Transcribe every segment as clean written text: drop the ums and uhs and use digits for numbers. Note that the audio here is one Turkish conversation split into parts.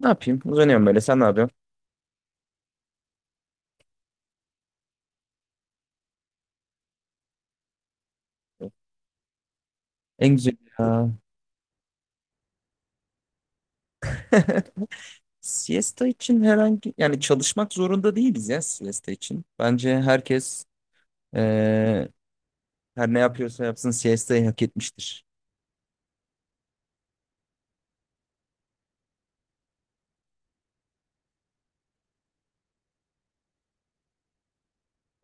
Ne yapayım? Uzanıyorum böyle. Sen ne yapıyorsun? En güzel ya. Siesta için herhangi yani çalışmak zorunda değiliz ya siesta için. Bence herkes eee, her ne yapıyorsa yapsın siestayı hak etmiştir.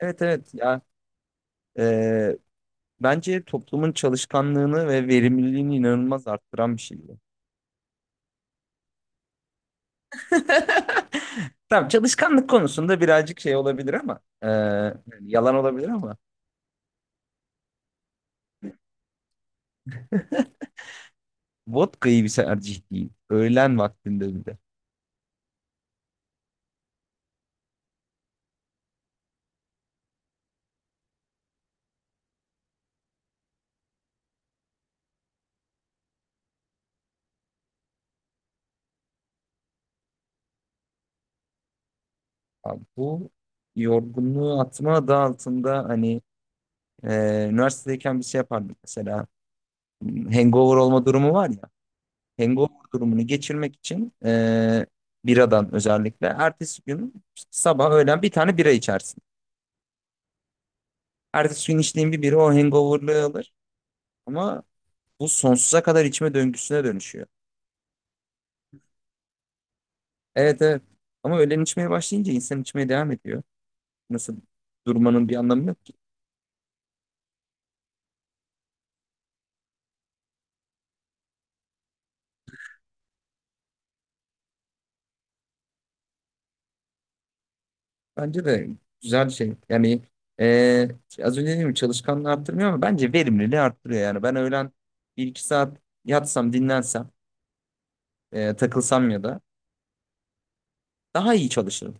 Evet evet ya eee, bence toplumun çalışkanlığını ve verimliliğini inanılmaz arttıran bir şey bu. Tamam çalışkanlık konusunda birazcık şey olabilir ama yani yalan olabilir ama vodka iyi bir tercih değil. Öğlen vaktinde. Abi bu yorgunluğu atma adı altında hani üniversitedeyken bir şey yapardık mesela. Hangover olma durumu var ya. Hangover durumunu geçirmek için biradan özellikle ertesi gün sabah öğlen bir tane bira içersin. Ertesi gün içtiğin bir bira o hangoverlığı alır. Ama bu sonsuza kadar içme döngüsüne dönüşüyor. Evet evet. Ama öğlen içmeye başlayınca insan içmeye devam ediyor. Nasıl durmanın bir anlamı yok. Bence de güzel şey. Yani e, az önce dediğim gibi çalışkanlığı arttırmıyor ama bence verimliliği arttırıyor. Yani ben öğlen bir iki saat yatsam, dinlensem, takılsam ya da daha iyi çalışırım.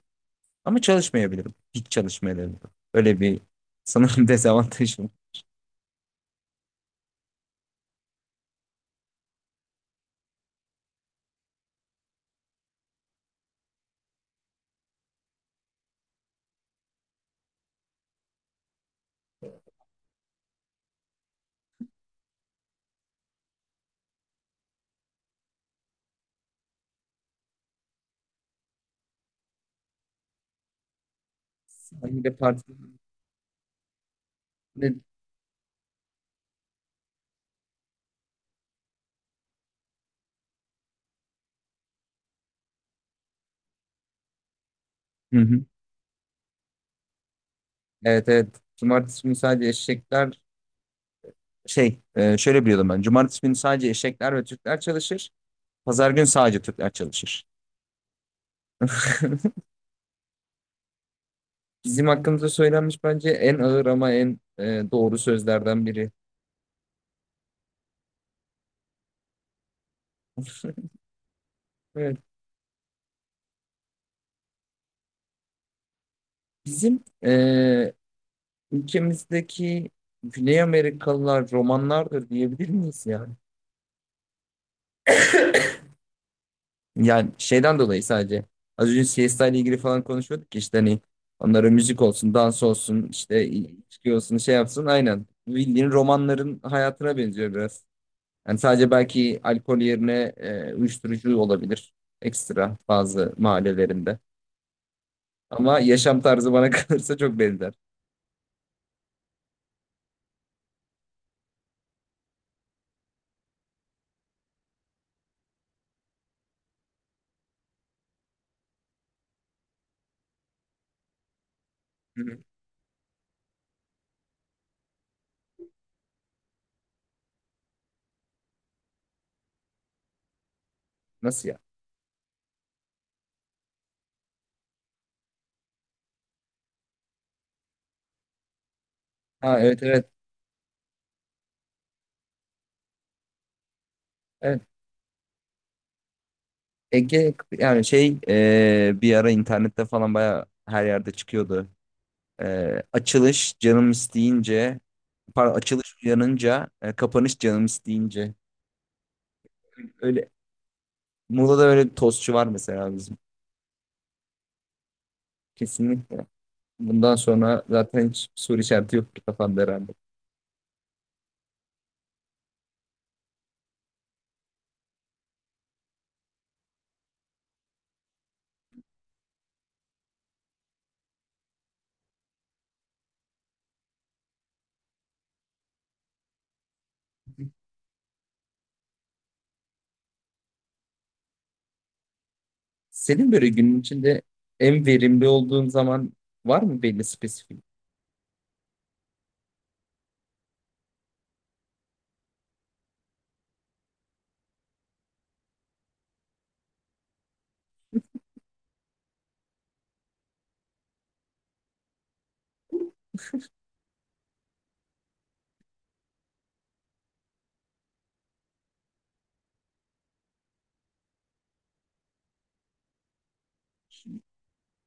Ama çalışmayabilirim. Hiç çalışmayabilirim. Öyle bir sanırım dezavantajım. Aynı de partide... Hı hı. Evet evet. Cumartesi günü sadece eşekler şöyle biliyordum ben. Cumartesi günü sadece eşekler ve Türkler çalışır. Pazar günü sadece Türkler çalışır. Bizim hakkımızda söylenmiş bence en ağır ama en doğru sözlerden biri. Evet. Bizim ülkemizdeki Güney Amerikalılar romanlardır diyebilir miyiz yani? Yani şeyden dolayı sadece. Az önce siesta ile ilgili falan konuşuyorduk ya işte hani onlara müzik olsun, dans olsun, işte içki olsun, şey yapsın. Aynen. Bildiğin romanların hayatına benziyor biraz. Yani sadece belki alkol yerine uyuşturucu olabilir. Ekstra bazı mahallelerinde. Ama yaşam tarzı bana kalırsa çok benzer. Hı hı. Nasıl ya? Ha evet evet. Evet. Ege yani bir ara internette falan baya her yerde çıkıyordu. Açılış canım isteyince pardon açılış uyanınca kapanış canım isteyince. Öyle. Muğla'da öyle bir tostçu var mesela bizim. Kesinlikle. Bundan sonra zaten hiç soru işareti yok kafanda herhalde. Senin böyle günün içinde en verimli olduğun zaman var mı belli spesifik?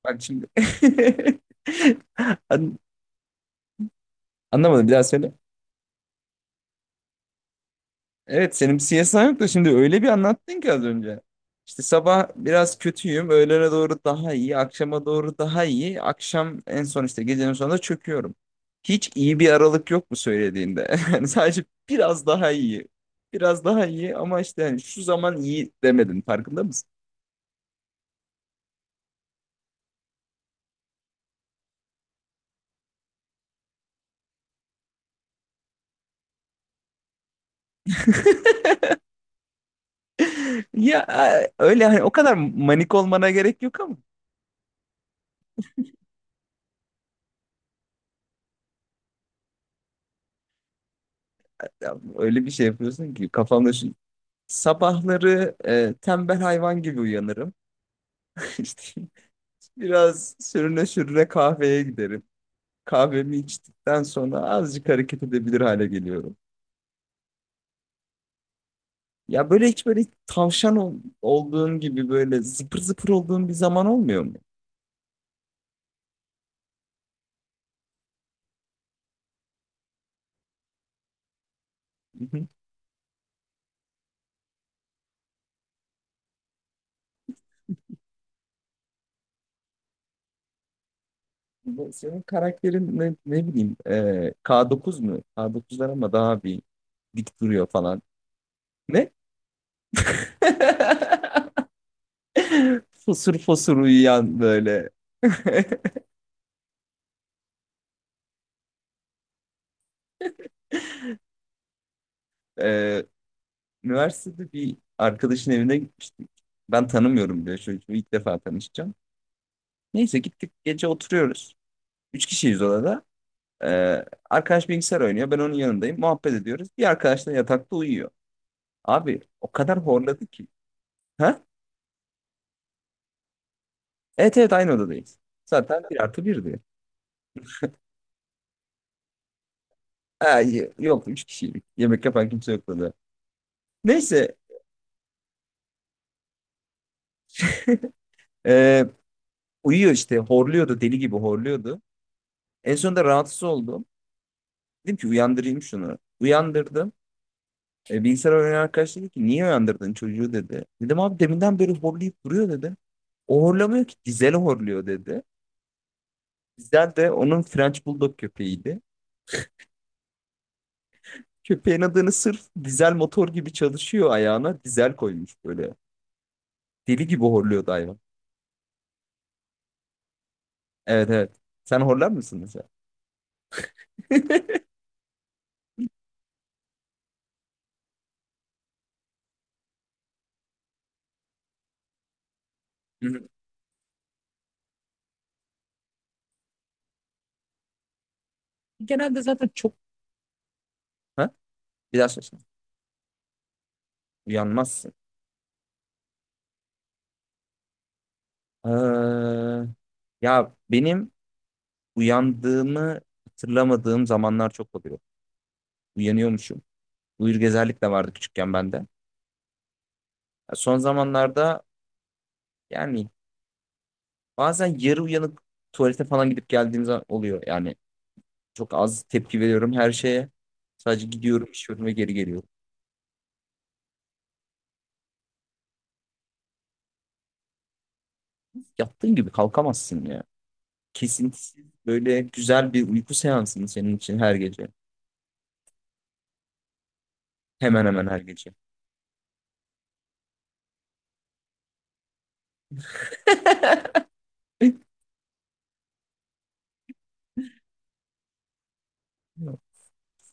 Bak şimdi. An- Anlamadım bir daha söyle. Evet senin bir CSI yok da şimdi öyle bir anlattın ki az önce. İşte sabah biraz kötüyüm, öğlene doğru daha iyi, akşama doğru daha iyi, akşam en son işte gecenin sonunda çöküyorum. Hiç iyi bir aralık yok mu söylediğinde? Yani sadece biraz daha iyi. Biraz daha iyi ama işte hani şu zaman iyi demedin farkında. Ya öyle hani o kadar manik olmana gerek yok ama ya öyle bir şey yapıyorsun ki kafamda şu sabahları tembel hayvan gibi uyanırım. İşte biraz sürüne sürüne kahveye giderim. Kahvemi içtikten sonra azıcık hareket edebilir hale geliyorum. Ya böyle hiç böyle tavşan olduğun gibi böyle zıpır zıpır olduğun bir zaman olmuyor mu? Hı hı. Bu. Senin karakterin ne, ne bileyim K9 mu? K9'lar ama daha bir dik duruyor falan. Ne? Fosur fosur uyuyan böyle. Ee, Üniversitede bir arkadaşın evine gitmiştik. Ben tanımıyorum bile çocuğu, ilk defa tanışacağım. Neyse gittik, gece oturuyoruz. Üç kişiyiz odada. Ee, Arkadaş bilgisayar oynuyor. Ben onun yanındayım. Muhabbet ediyoruz. Bir arkadaş da yatakta uyuyor. Abi o kadar horladı ki. Ha? Evet evet aynı odadayız. Zaten bir artı birdi. Ha, yok üç kişiydik. Yemek yapan kimse yoktu da. Neyse. ee, Uyuyor işte, horluyordu, deli gibi horluyordu. En sonunda rahatsız oldum. Dedim ki uyandırayım şunu. Uyandırdım. E, bilgisayar oynayan arkadaş dedi ki niye uyandırdın çocuğu dedi. Dedim abi deminden beri horlayıp duruyor dedi. O horlamıyor ki, Dizel horluyor dedi. Dizel de onun French Bulldog köpeğiydi. Köpeğin adını sırf dizel motor gibi çalışıyor ayağına dizel koymuş böyle. Deli gibi horluyordu hayvan. Evet evet. Sen horlar mısın mesela? Genelde zaten çok... Ha? Bir daha söylesene. Uyanmazsın. Ha. Ya benim uyandığımı hatırlamadığım zamanlar çok oluyor. Uyanıyormuşum. Uyur gezerlik de vardı küçükken bende. Ya son zamanlarda yani bazen yarı uyanık tuvalete falan gidip geldiğim zaman oluyor. Yani çok az tepki veriyorum her şeye. Sadece gidiyorum, işiyorum ve geri geliyorum. Yattığın gibi kalkamazsın ya. Kesintisiz böyle güzel bir uyku seansını senin için her gece. Hemen hemen her gece.